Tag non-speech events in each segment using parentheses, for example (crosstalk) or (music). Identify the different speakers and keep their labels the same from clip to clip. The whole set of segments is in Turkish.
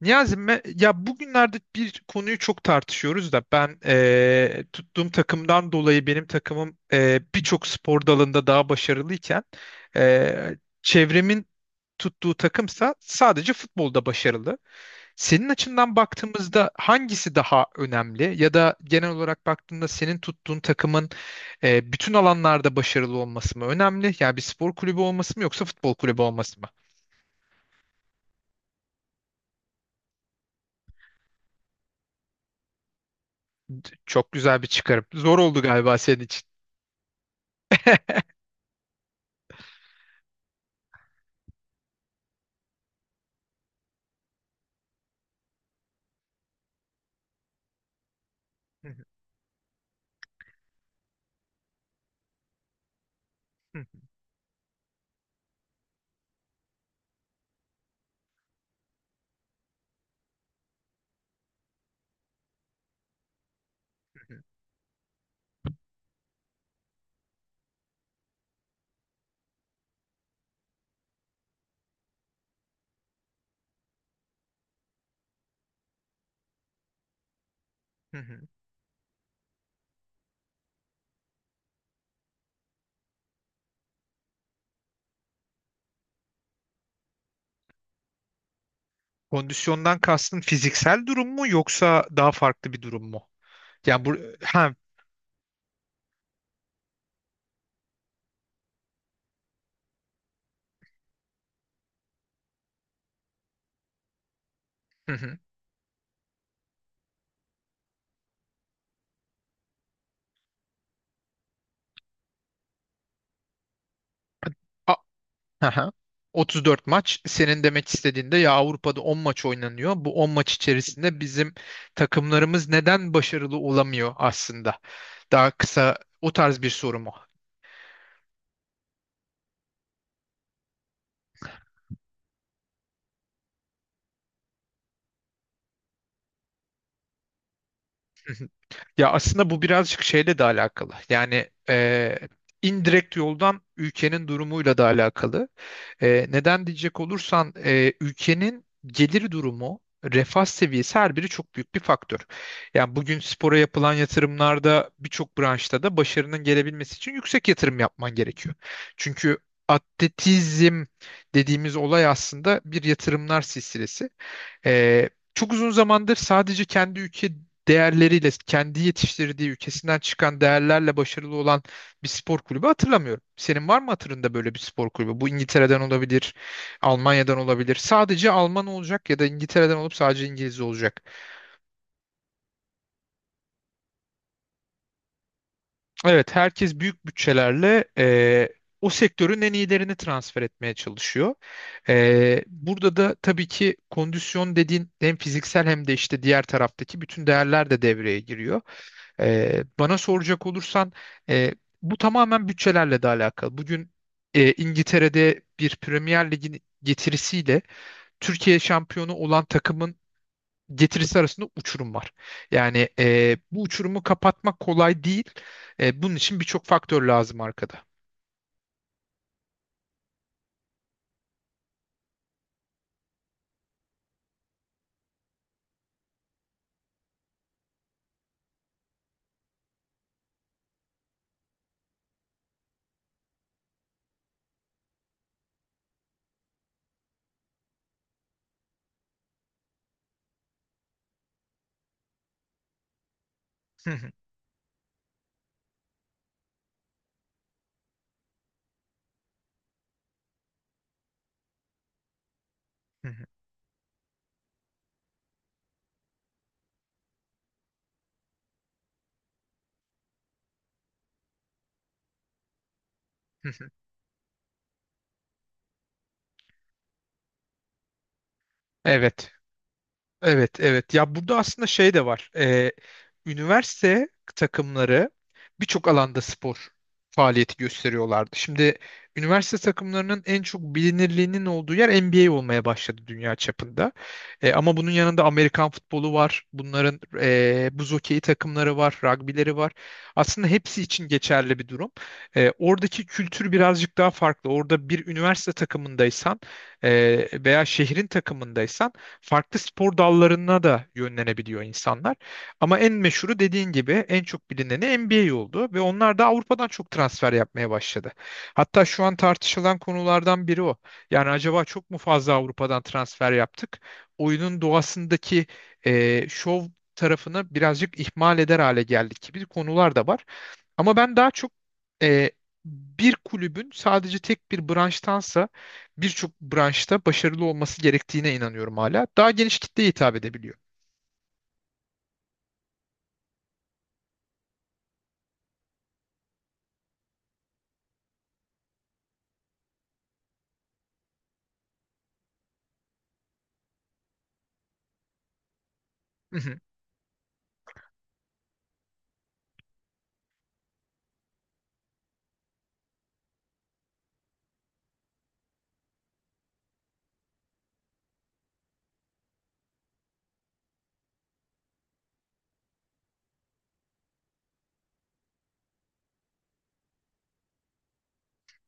Speaker 1: Niyazi, ya bugünlerde bir konuyu çok tartışıyoruz da ben tuttuğum takımdan dolayı benim takımım birçok spor dalında daha başarılıyken çevremin tuttuğu takımsa sadece futbolda başarılı. Senin açından baktığımızda hangisi daha önemli ya da genel olarak baktığında senin tuttuğun takımın bütün alanlarda başarılı olması mı önemli? Yani bir spor kulübü olması mı yoksa futbol kulübü olması mı? Çok güzel bir çıkarım. Zor oldu galiba senin için. (laughs) Hı hı. Kondisyondan kastın fiziksel durum mu yoksa daha farklı bir durum mu? Yani bu ha hı hı. A- hı hı. 34 maç senin demek istediğinde ya Avrupa'da 10 maç oynanıyor. Bu 10 maç içerisinde bizim takımlarımız neden başarılı olamıyor aslında? Daha kısa o tarz bir soru mu? Hı hı. Ya aslında bu birazcık şeyle de alakalı. Yani indirekt yoldan ülkenin durumuyla da alakalı. Neden diyecek olursan ülkenin gelir durumu, refah seviyesi her biri çok büyük bir faktör. Yani bugün spora yapılan yatırımlarda birçok branşta da başarının gelebilmesi için yüksek yatırım yapman gerekiyor. Çünkü atletizm dediğimiz olay aslında bir yatırımlar silsilesi. Çok uzun zamandır sadece kendi ülke değerleriyle, kendi yetiştirdiği ülkesinden çıkan değerlerle başarılı olan bir spor kulübü hatırlamıyorum. Senin var mı hatırında böyle bir spor kulübü? Bu İngiltere'den olabilir, Almanya'dan olabilir. Sadece Alman olacak ya da İngiltere'den olup sadece İngiliz olacak. Evet, herkes büyük bütçelerle o sektörün en iyilerini transfer etmeye çalışıyor. Burada da tabii ki kondisyon dediğin hem fiziksel hem de işte diğer taraftaki bütün değerler de devreye giriyor. Bana soracak olursan e, bu tamamen bütçelerle de alakalı. Bugün İngiltere'de bir Premier Lig'in getirisiyle Türkiye şampiyonu olan takımın getirisi arasında uçurum var. Yani bu uçurumu kapatmak kolay değil. Bunun için birçok faktör lazım arkada. Hı hı, hı hı, hı hı. Evet. Evet, evet. Ya burada aslında şey de var. Üniversite takımları birçok alanda spor faaliyeti gösteriyorlardı. Şimdi üniversite takımlarının en çok bilinirliğinin olduğu yer NBA olmaya başladı dünya çapında. Ama bunun yanında Amerikan futbolu var. Bunların buz hokeyi takımları var, ragbileri var. Aslında hepsi için geçerli bir durum. Oradaki kültür birazcık daha farklı. Orada bir üniversite takımındaysan veya şehrin takımındaysan farklı spor dallarına da yönlenebiliyor insanlar. Ama en meşhuru dediğin gibi en çok bilineni NBA oldu ve onlar da Avrupa'dan çok transfer yapmaya başladı. Hatta şu an tartışılan konulardan biri o. Yani acaba çok mu fazla Avrupa'dan transfer yaptık? Oyunun doğasındaki şov tarafını birazcık ihmal eder hale geldik gibi konular da var. Ama ben daha çok e, bir kulübün sadece tek bir branştansa birçok branşta başarılı olması gerektiğine inanıyorum hala. Daha geniş kitleye hitap edebiliyor. Hı hı,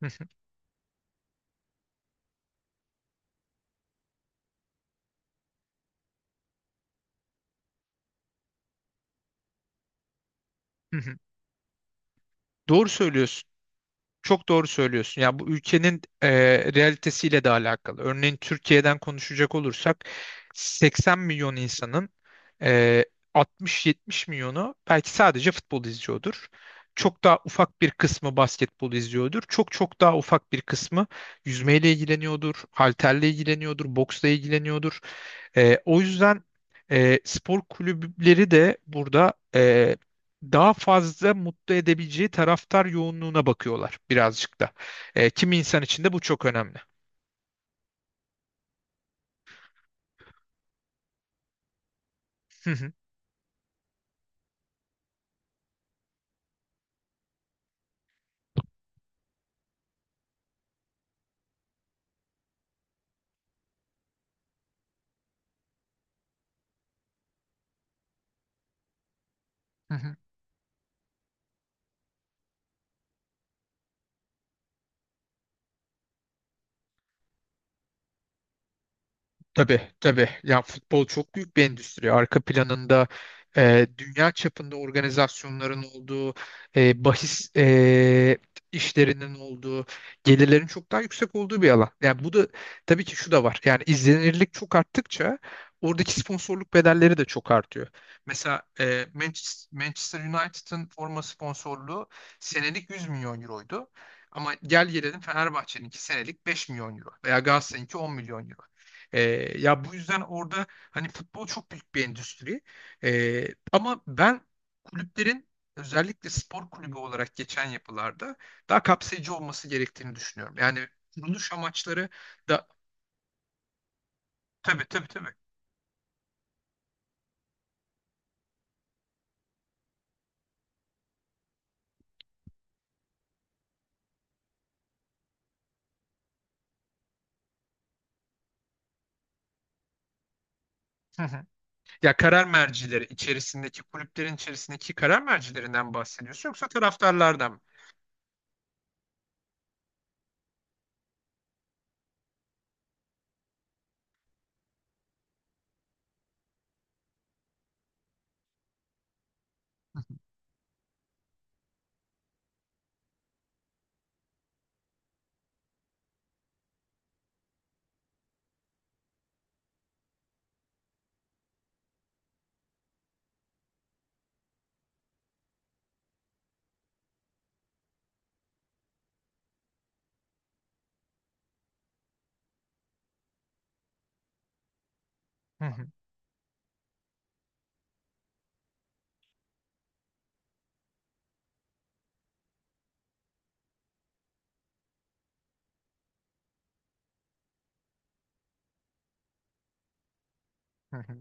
Speaker 1: hı hı, hı hı. Doğru söylüyorsun. Çok doğru söylüyorsun. Ya bu ülkenin realitesiyle de alakalı. Örneğin Türkiye'den konuşacak olursak 80 milyon insanın e, 60-70 milyonu belki sadece futbol izliyordur. Çok daha ufak bir kısmı basketbol izliyordur. Çok çok daha ufak bir kısmı yüzmeyle ilgileniyordur, halterle ilgileniyordur, boksla ilgileniyordur. O yüzden spor kulüpleri de burada daha fazla mutlu edebileceği taraftar yoğunluğuna bakıyorlar birazcık da. Kimi insan için de bu çok önemli. Hı hı. Hı hı. Tabii tabii. Ya futbol çok büyük bir endüstri. Arka planında dünya çapında organizasyonların olduğu, bahis işlerinin olduğu, gelirlerin çok daha yüksek olduğu bir alan. Yani bu da tabii ki şu da var. Yani izlenirlik çok arttıkça oradaki sponsorluk bedelleri de çok artıyor. Mesela Manchester United'ın forma sponsorluğu senelik 100 milyon euroydu. Ama gel gelelim Fenerbahçe'ninki senelik 5 milyon euro veya Galatasaray'ınki 10 milyon euro. Ee, ya bu yüzden orada hani futbol çok büyük bir endüstri. Ama ben kulüplerin özellikle spor kulübü olarak geçen yapılarda daha kapsayıcı olması gerektiğini düşünüyorum. Yani kuruluş amaçları da tabii tabii tabii. Hı hı. Ya karar mercileri içerisindeki kulüplerin içerisindeki karar mercilerinden bahsediyorsun yoksa taraftarlardan mı? Hı hı, hı hı.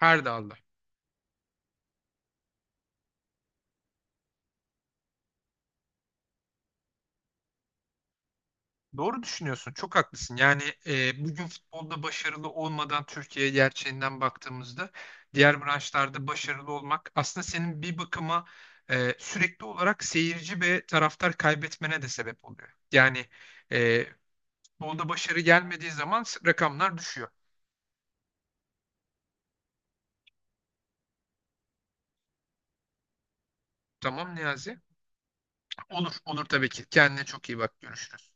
Speaker 1: Her dalda. Doğru düşünüyorsun. Çok haklısın. Yani bugün futbolda başarılı olmadan Türkiye gerçeğinden baktığımızda diğer branşlarda başarılı olmak aslında senin bir bakıma sürekli olarak seyirci ve taraftar kaybetmene de sebep oluyor. Yani e, futbolda başarı gelmediği zaman rakamlar düşüyor. Tamam Niyazi. Olur, olur tabii ki. Kendine çok iyi bak. Görüşürüz.